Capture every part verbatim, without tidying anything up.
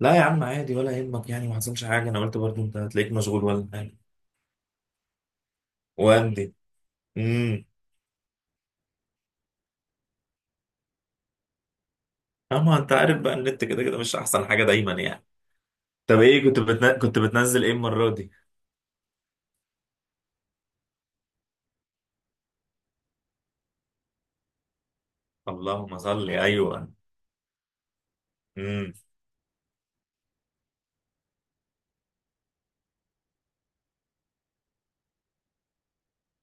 لا يا عم، عادي ولا يهمك، يعني ما حصلش حاجه. انا قلت برضو انت هتلاقيك مشغول ولا حاجه. واندي. امم اما انت عارف بقى، النت كده كده مش احسن حاجه دايما يعني. طب ايه كنت بتن... كنت بتنزل ايه المره دي؟ اللهم صل، ايوه. امم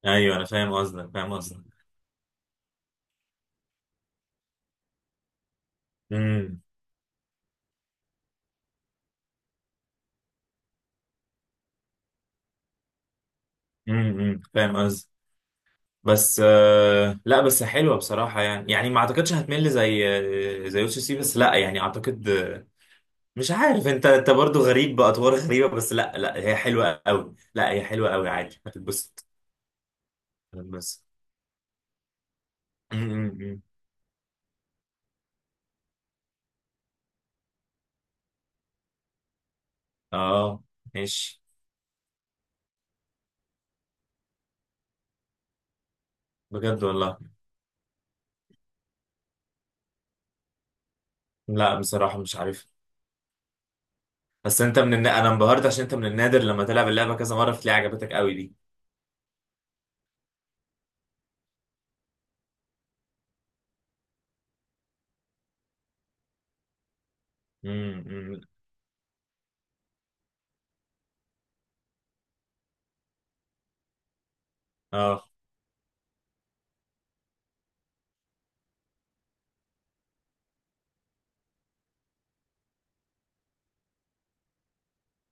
ايوه انا فاهم قصدك، فاهم قصدك. امم امم فاهم قصدك. بس آه... لا بس حلوه بصراحه، يعني يعني ما اعتقدش هتمل زي آه، زي يوسف سي سي. بس لا يعني اعتقد مش عارف انت، انت برضو غريب باطوار غريبه، بس لا لا هي حلوه قوي، لا هي حلوه قوي عادي، هتتبسط، هتتبسط. م- م- م. اه ماشي. بجد والله؟ لا بصراحه مش عارف. بس انت من النا... انا انبهرت عشان انت من النادر لما تلعب اللعبه كذا مره بتلاقي عجبتك قوي دي. م- م. اه.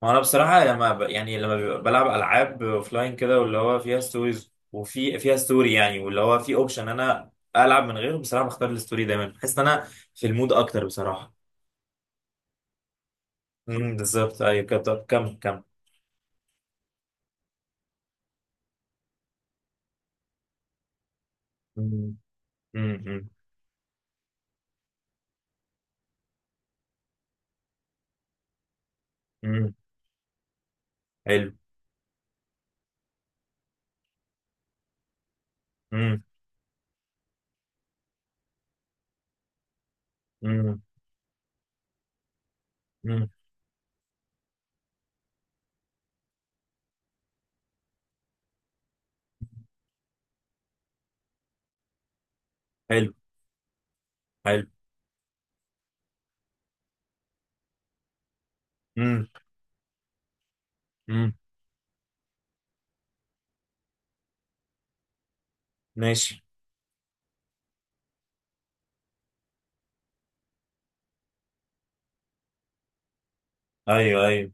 وانا بصراحه لما ب... يعني لما بيبقى بلعب العاب اوفلاين كده، واللي هو فيها ستوريز وفي فيها ستوري يعني، واللي هو في اوبشن انا العب من غيره، بصراحه بختار الستوري دايما، بحس ان انا في المود اكتر بصراحه. امم بالظبط، ايوه كده، طب كمل كمل. امم امم امم حلو. امم امم امم حلو. حلو. امم امم ماشي. ايوه ايوه.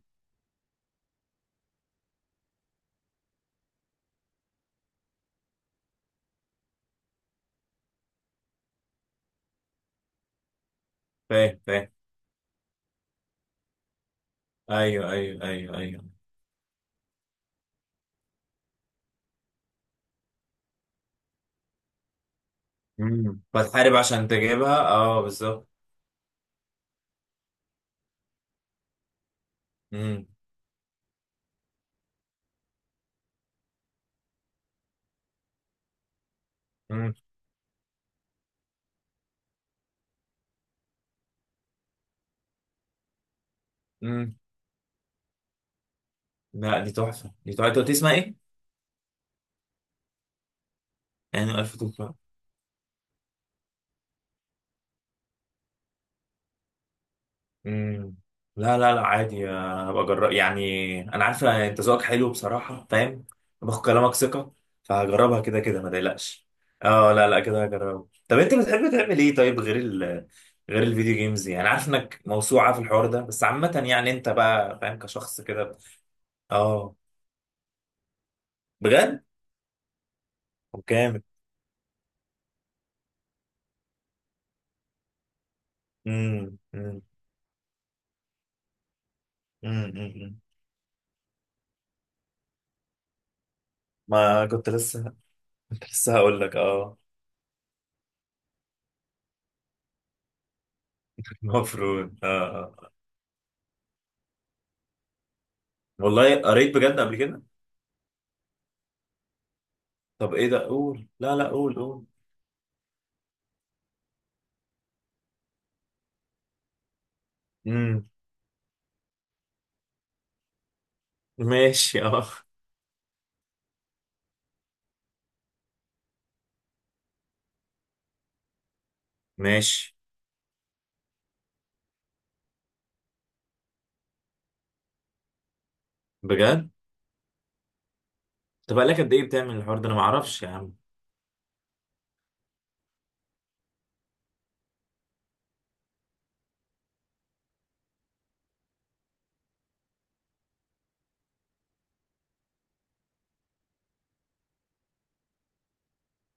فاهم فاهم. ايوه ايوه ايوه ايوه. امم بتحارب عشان تجيبها، اه بالظبط. امم امم امم لا دي تحفه، دي تحفه. انت قلت لي اسمها ايه؟ يعني ألف؟ مم. لا لا لا عادي، انا هبقى اجرب، يعني انا عارف انت ذوقك حلو بصراحه، فاهم؟ باخد كلامك ثقه، فهجربها كده كده ما تقلقش. اه لا لا كده هجربها. طب انت بتحب تعمل ايه طيب، غير ال غير الفيديو جيمز، يعني عارف انك موسوعه في الحوار ده، بس عامه يعني انت بقى فاهم، كشخص كده. اه. بجد؟ وكامل. امم امم امم ما كنت لسه، كنت لسه هقول لك اه. المفروض، اه آه. والله قريت بجد قبل كده؟ طب ايه ده، قول، لا لا قول قول. امم ماشي اه. ماشي. بجد؟ طب بقالك قد ايه بتعمل الحوار ده؟ انا ما اعرفش يا عم.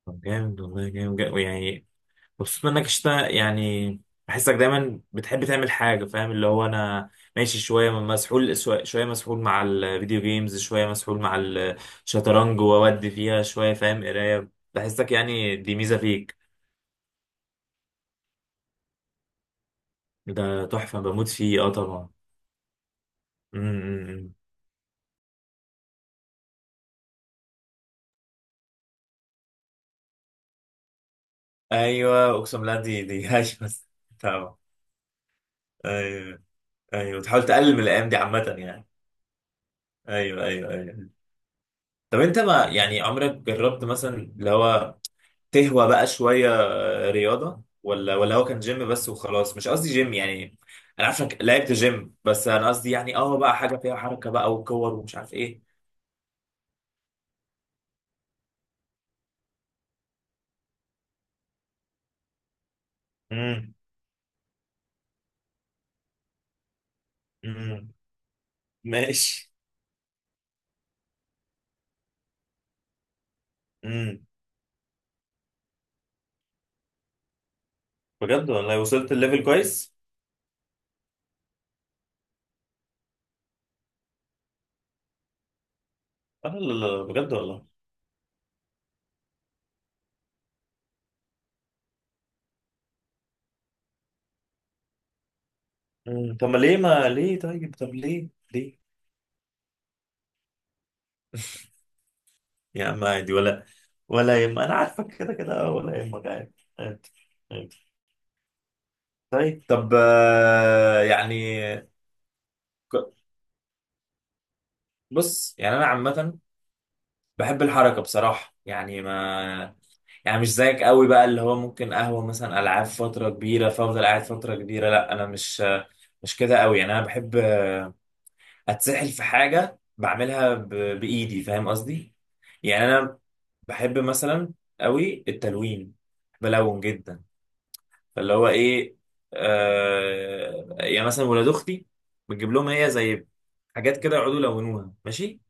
طب جامد والله، جامد جامد يعني. مبسوط منك اشتا يعني. بحسك دايما بتحب تعمل حاجه، فاهم؟ اللي هو انا ماشي شويه مسحول شويه، شوية مسحول مع الفيديو جيمز، شويه مسحول مع الشطرنج واودي فيها شويه، فاهم؟ قرايه. بحسك، يعني دي ميزه فيك. ده تحفه، بموت فيه، اه طبعا. امم ايوه اقسم بالله، دي دي ايوه. طبعا. ايوه. ايوه تحاول تقلل من الايام دي عامه يعني. ايوه ايوه ايوه. طب انت ما يعني عمرك جربت مثلا اللي هو تهوى بقى شويه رياضه، ولا ولا هو كان جيم بس وخلاص؟ مش قصدي جيم يعني، انا عارف إنك لعبت جيم، بس انا قصدي يعني اه بقى حاجه فيها حركه بقى وكور ومش عارف ايه. امم امم ماشي. امم بجد والله؟ وصلت الليفل كويس. اه لا لا لا، بجد والله. امم طب ما ليه، ما ليه طيب، طب ليه ليه؟ يا عم عادي، ولا ولا يهم، انا عارفك كده كده ولا يهمك، عادي. عادي. عادي. طيب، طب آه، يعني ك- بص يعني انا عامة بحب الحركة بصراحة، يعني ما يعني مش زيك قوي بقى اللي هو ممكن قهوة مثلا العاب فترة كبيرة فافضل قاعد فترة كبيرة، لا انا مش، مش كده قوي يعني. انا بحب اتسحل في حاجة بعملها ب... بايدي، فاهم قصدي؟ يعني انا بحب مثلا قوي التلوين، بلون جدا، فاللي هو ايه، آه يعني مثلا ولاد اختي بتجيب لهم هي زي حاجات كده يقعدوا يلونوها ماشي،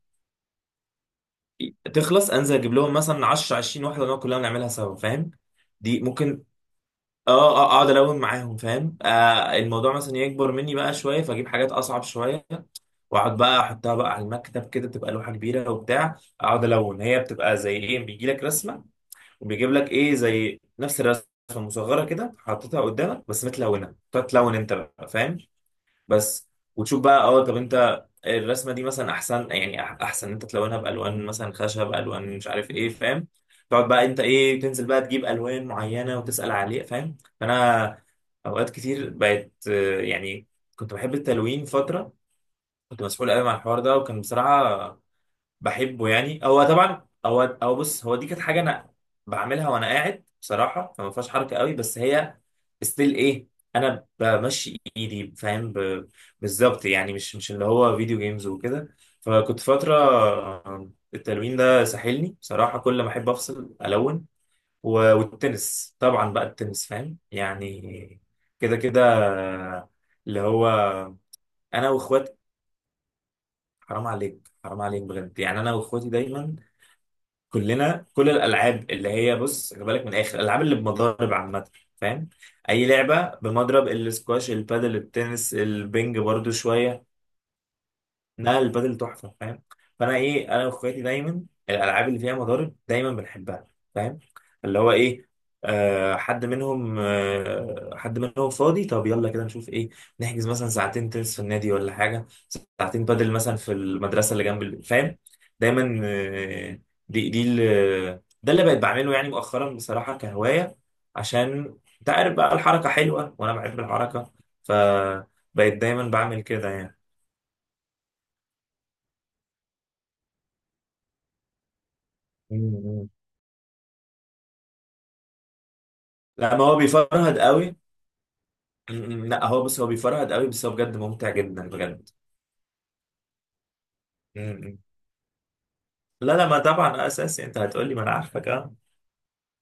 تخلص انزل اجيب لهم مثلا عشرة عشرين واحده نقعد كلها نعملها سوا، فاهم؟ دي ممكن، اه اه، اقعد الون معاهم، فاهم؟ آه الموضوع مثلا يكبر مني بقى شويه، فاجيب حاجات اصعب شويه واقعد بقى احطها بقى على المكتب كده، تبقى لوحه كبيره وبتاع، اقعد الون. هي بتبقى زي ايه، بيجي لك رسمه وبيجيب لك ايه زي نفس الرسمه مصغره كده حاططها قدامك بس متلونه، تقعد تلون انت بقى، فاهم؟ بس وتشوف بقى، اه طب انت الرسمه دي مثلا احسن يعني، أح- احسن انت تلونها بالوان مثلا خشب، الوان مش عارف ايه، فاهم؟ تقعد بقى انت ايه تنزل بقى تجيب الوان معينه وتسال عليه، فاهم؟ فانا اوقات كتير بقت آه، يعني، كنت بحب التلوين فتره، كنت مسحول قوي مع الحوار ده وكان بصراحه بحبه يعني. هو طبعا، هو هو بص هو دي كانت حاجه انا بعملها وانا قاعد بصراحه، فما فيهاش حركه قوي، بس هي ستيل ايه، انا بمشي ايدي، فاهم؟ ب- بالظبط يعني، مش مش اللي هو فيديو جيمز وكده. فكنت فتره آه، التلوين ده ساحلني بصراحه، كل ما احب افصل الون. و- والتنس طبعا بقى، التنس فاهم يعني، كده كده، آه، اللي هو انا واخواتي، حرام عليك، حرام عليك بجد يعني. انا واخواتي دايما كلنا كل الالعاب اللي هي، بص خلي بالك من الاخر، الالعاب اللي بمضارب عامه، فاهم؟ اي لعبه بمضرب، السكواش، البادل، التنس، البنج برضو شويه. لا البادل تحفه، فاهم؟ فانا ايه، انا واخواتي دايما الالعاب اللي فيها مضارب دايما بنحبها، فاهم؟ اللي هو ايه، آه حد منهم، آه حد منهم فاضي، طب يلا كده نشوف ايه، نحجز مثلا ساعتين تنس في النادي ولا حاجه، ساعتين بدل مثلا في المدرسه اللي جنب البيت، فاهم؟ دايما آه، دي دي ال- ده اللي بقيت بعمله يعني مؤخرا بصراحه، كهوايه، عشان انت عارف بقى الحركه حلوه وانا بحب الحركه، فبقيت دايما بعمل كده يعني. مم. لا ما هو بيفرهد قوي. مم. لا هو بس هو بيفرهد قوي، بس هو بجد ممتع جدا بجد. مم. لا لا ما طبعا، آه، اساسي، انت هتقولي ما انا عارفك، اه.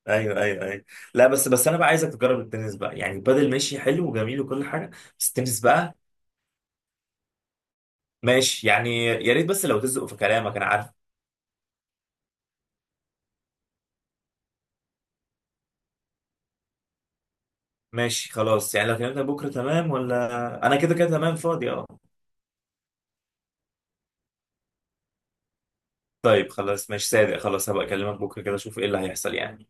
ايوه ايوه ايوه. لا بس بس انا بقى عايزك تجرب التنس بقى، يعني البادل ماشي، حلو وجميل وكل حاجه، بس التنس بقى. ماشي يعني يا ريت، بس لو تزقوا في كلامك، انا عارف. ماشي خلاص، يعني لو كلمتك بكره تمام، ولا انا كده كده تمام فاضي، اه. طيب خلاص ماشي صادق، خلاص هبقى اكلمك بكره كده اشوف ايه اللي هيحصل يعني.